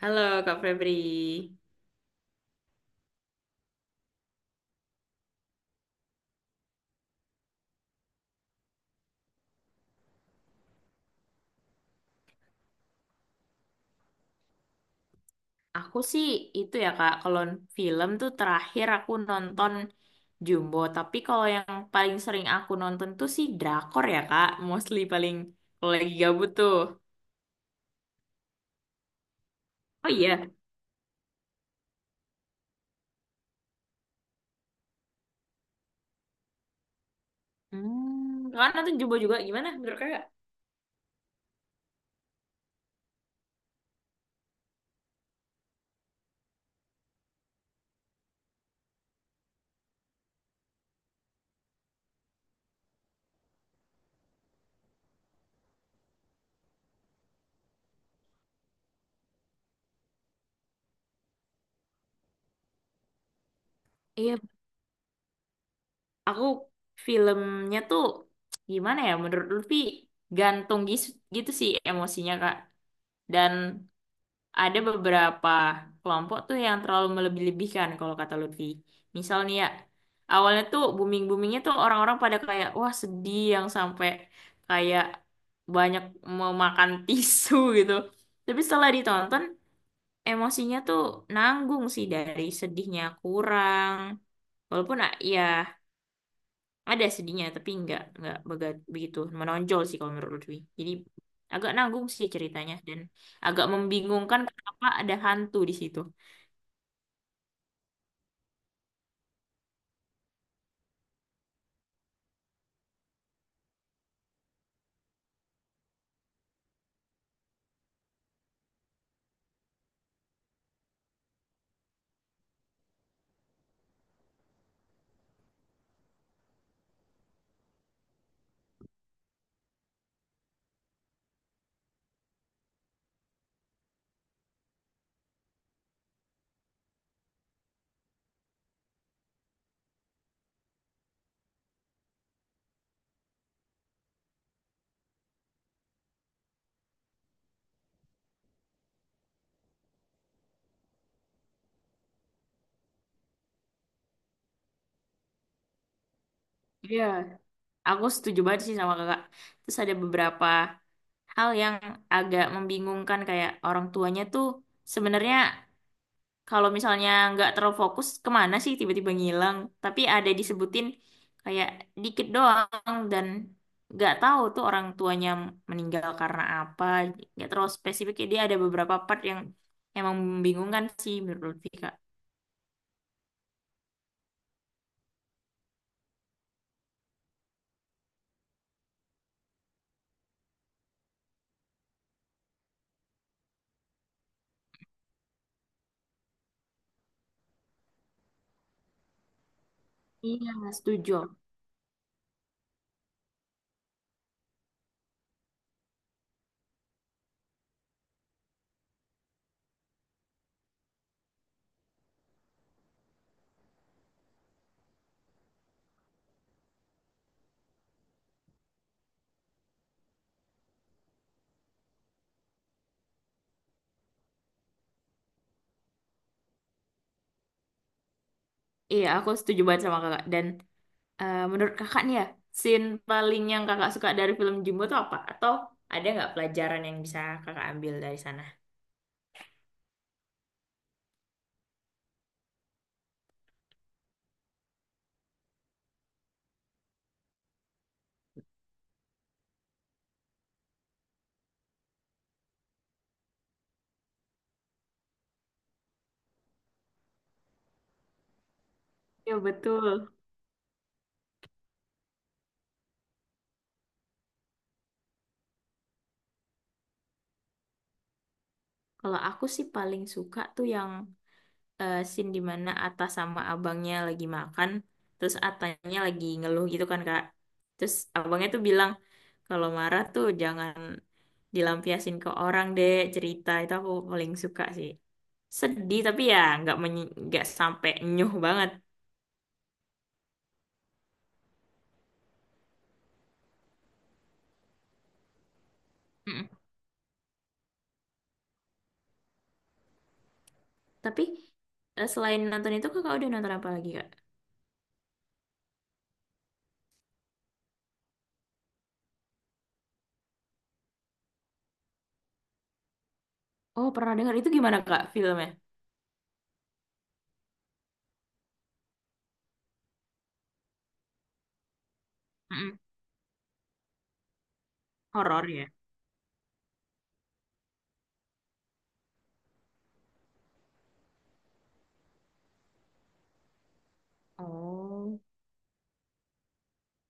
Halo Kak Febri. Aku sih itu ya Kak, kalau film tuh terakhir aku nonton Jumbo. Tapi kalau yang paling sering aku nonton tuh sih drakor ya Kak. Mostly paling kalau lagi gabut tuh. Oh iya. Hmm, Kakak nonton Jumbo juga gimana menurut Kakak? Iya, aku filmnya tuh gimana ya menurut Lutfi gantung gitu sih emosinya Kak. Dan ada beberapa kelompok tuh yang terlalu melebih-lebihkan kalau kata Lutfi. Misal nih ya, awalnya tuh booming-boomingnya tuh orang-orang pada kayak, wah sedih yang sampai kayak banyak memakan tisu gitu. Tapi setelah ditonton, emosinya tuh nanggung sih dari sedihnya kurang. Walaupun ya ada sedihnya, tapi nggak begitu menonjol sih kalau menurut Lutfi. Jadi agak nanggung sih ceritanya dan agak membingungkan kenapa ada hantu di situ. Iya, aku setuju banget sih sama kakak. Terus ada beberapa hal yang agak membingungkan kayak orang tuanya tuh sebenarnya kalau misalnya nggak terlalu fokus kemana sih tiba-tiba ngilang. Tapi ada disebutin kayak dikit doang dan nggak tahu tuh orang tuanya meninggal karena apa. Nggak terlalu spesifik. Dia ada beberapa part yang emang membingungkan sih menurut Vika. Iya, setuju. Iya, aku setuju banget sama kakak. Dan, menurut kakak nih ya, scene paling yang kakak suka dari film Jumbo tuh apa? Atau ada nggak pelajaran yang bisa kakak ambil dari sana? Ya betul. Kalau aku sih paling suka tuh yang scene dimana Atta sama abangnya lagi makan, terus Atanya lagi ngeluh gitu kan kak. Terus abangnya tuh bilang kalau marah tuh jangan dilampiasin ke orang deh cerita itu aku paling suka sih. Sedih tapi ya nggak nggak sampai nyuh banget. Tapi selain nonton itu kakak udah nonton apa lagi kak? Oh pernah dengar, itu gimana kak filmnya? Mm-mm. Horor ya? Oh,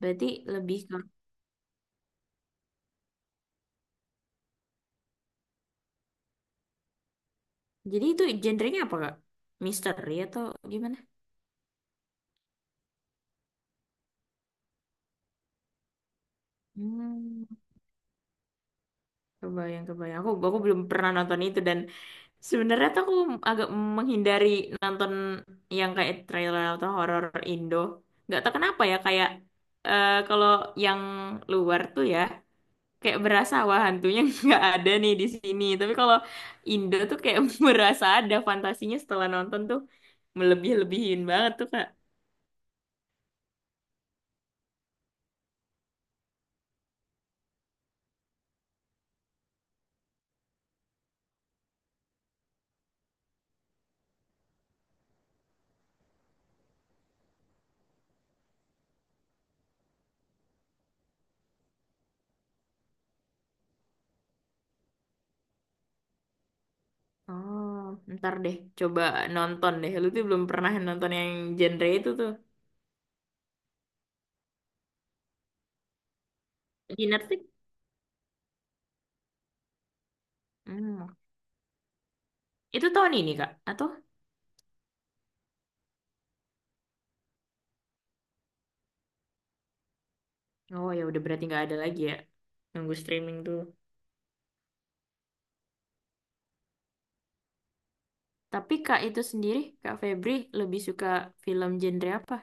berarti lebih ke... Jadi itu genrenya apa kak? Misteri atau gimana? Hmm, kebayang kebayang. Aku belum pernah nonton itu dan sebenarnya tuh aku agak menghindari nonton yang kayak trailer atau horor Indo. Nggak tahu kenapa ya kayak kalau yang luar tuh ya. Kayak berasa wah hantunya nggak ada nih di sini. Tapi kalau Indo tuh kayak berasa ada fantasinya setelah nonton tuh melebih-lebihin banget tuh Kak. Oh, ntar deh coba nonton deh. Lu tuh belum pernah nonton yang genre itu tuh. Di Netflix? Hmm. Itu tahun ini Kak? Atau? Oh ya udah berarti nggak ada lagi ya. Nunggu streaming tuh. Tapi Kak itu sendiri, Kak Febri lebih suka film genre apa?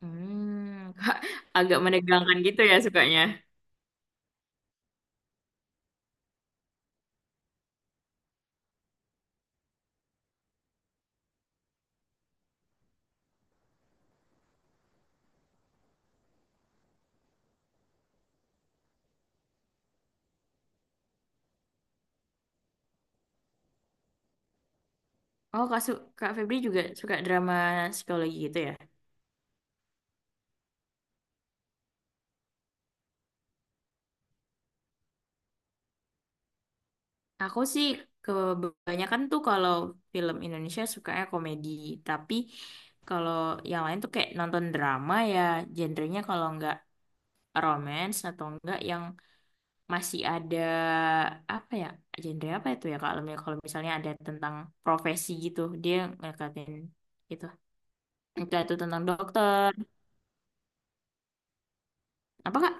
Hmm, agak menegangkan gitu ya sukanya. Oh, Kak, Kak Febri juga suka drama psikologi gitu ya? Aku sih kebanyakan tuh kalau film Indonesia sukanya komedi, tapi kalau yang lain tuh kayak nonton drama ya, genrenya kalau nggak romance atau enggak yang masih ada apa ya, genre apa itu ya Kak? Kalau misalnya ada tentang profesi gitu, dia ngekatin gitu. Entah itu tentang dokter, apa Kak?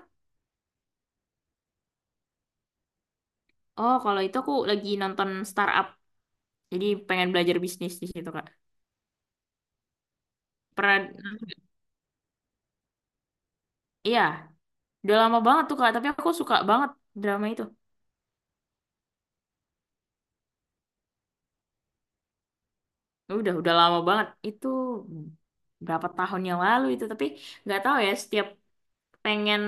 Oh, kalau itu aku lagi nonton startup, jadi pengen belajar bisnis di situ Kak. Pernah. Iya, udah lama banget tuh Kak, tapi aku suka banget drama itu. Udah lama banget. Itu berapa tahun yang lalu itu, tapi nggak tahu ya, setiap pengen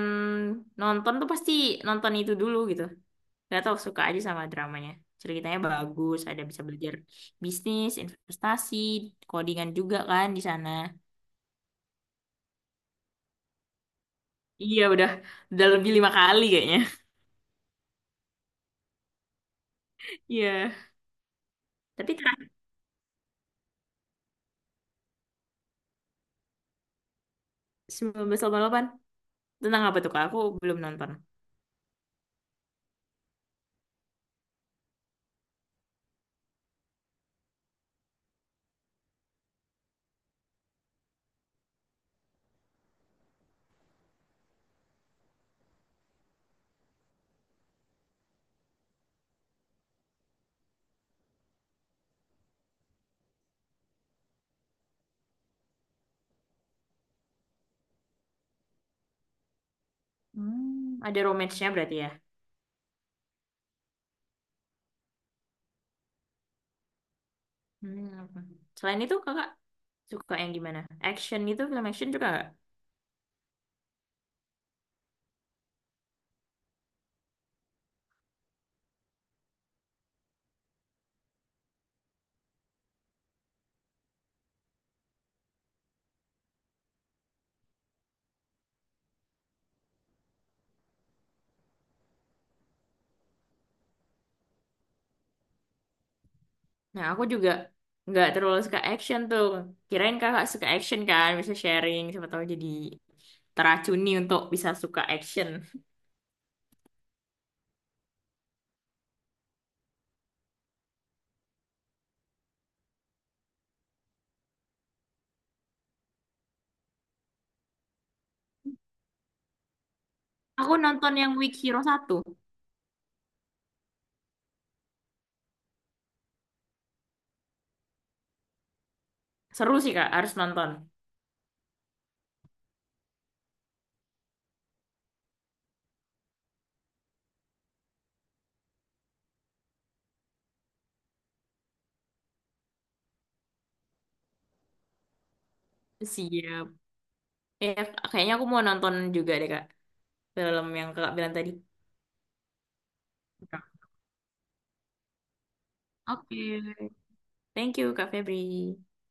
nonton tuh pasti nonton itu dulu gitu. Nggak tahu, suka aja sama dramanya. Ceritanya bagus, ada bisa belajar bisnis, investasi, codingan juga kan di sana. Iya, udah lebih 5 kali kayaknya. Iya. Tapi terakhir 1988, tentang apa tuh Kak? Aku belum nonton. Hmm, ada romance-nya berarti ya. Hmm. Selain itu kakak suka yang gimana? Action gitu, film action juga nggak? Nah, aku juga nggak terlalu suka action tuh. Kirain kakak suka action kan, bisa sharing, siapa tahu jadi teracuni untuk bisa suka action. Aku nonton yang Weak Hero satu. Seru sih kak, harus nonton. Siap. Ya, kayaknya aku mau nonton juga deh kak, film yang kakak bilang tadi. Oke. Thank you Kak Febri.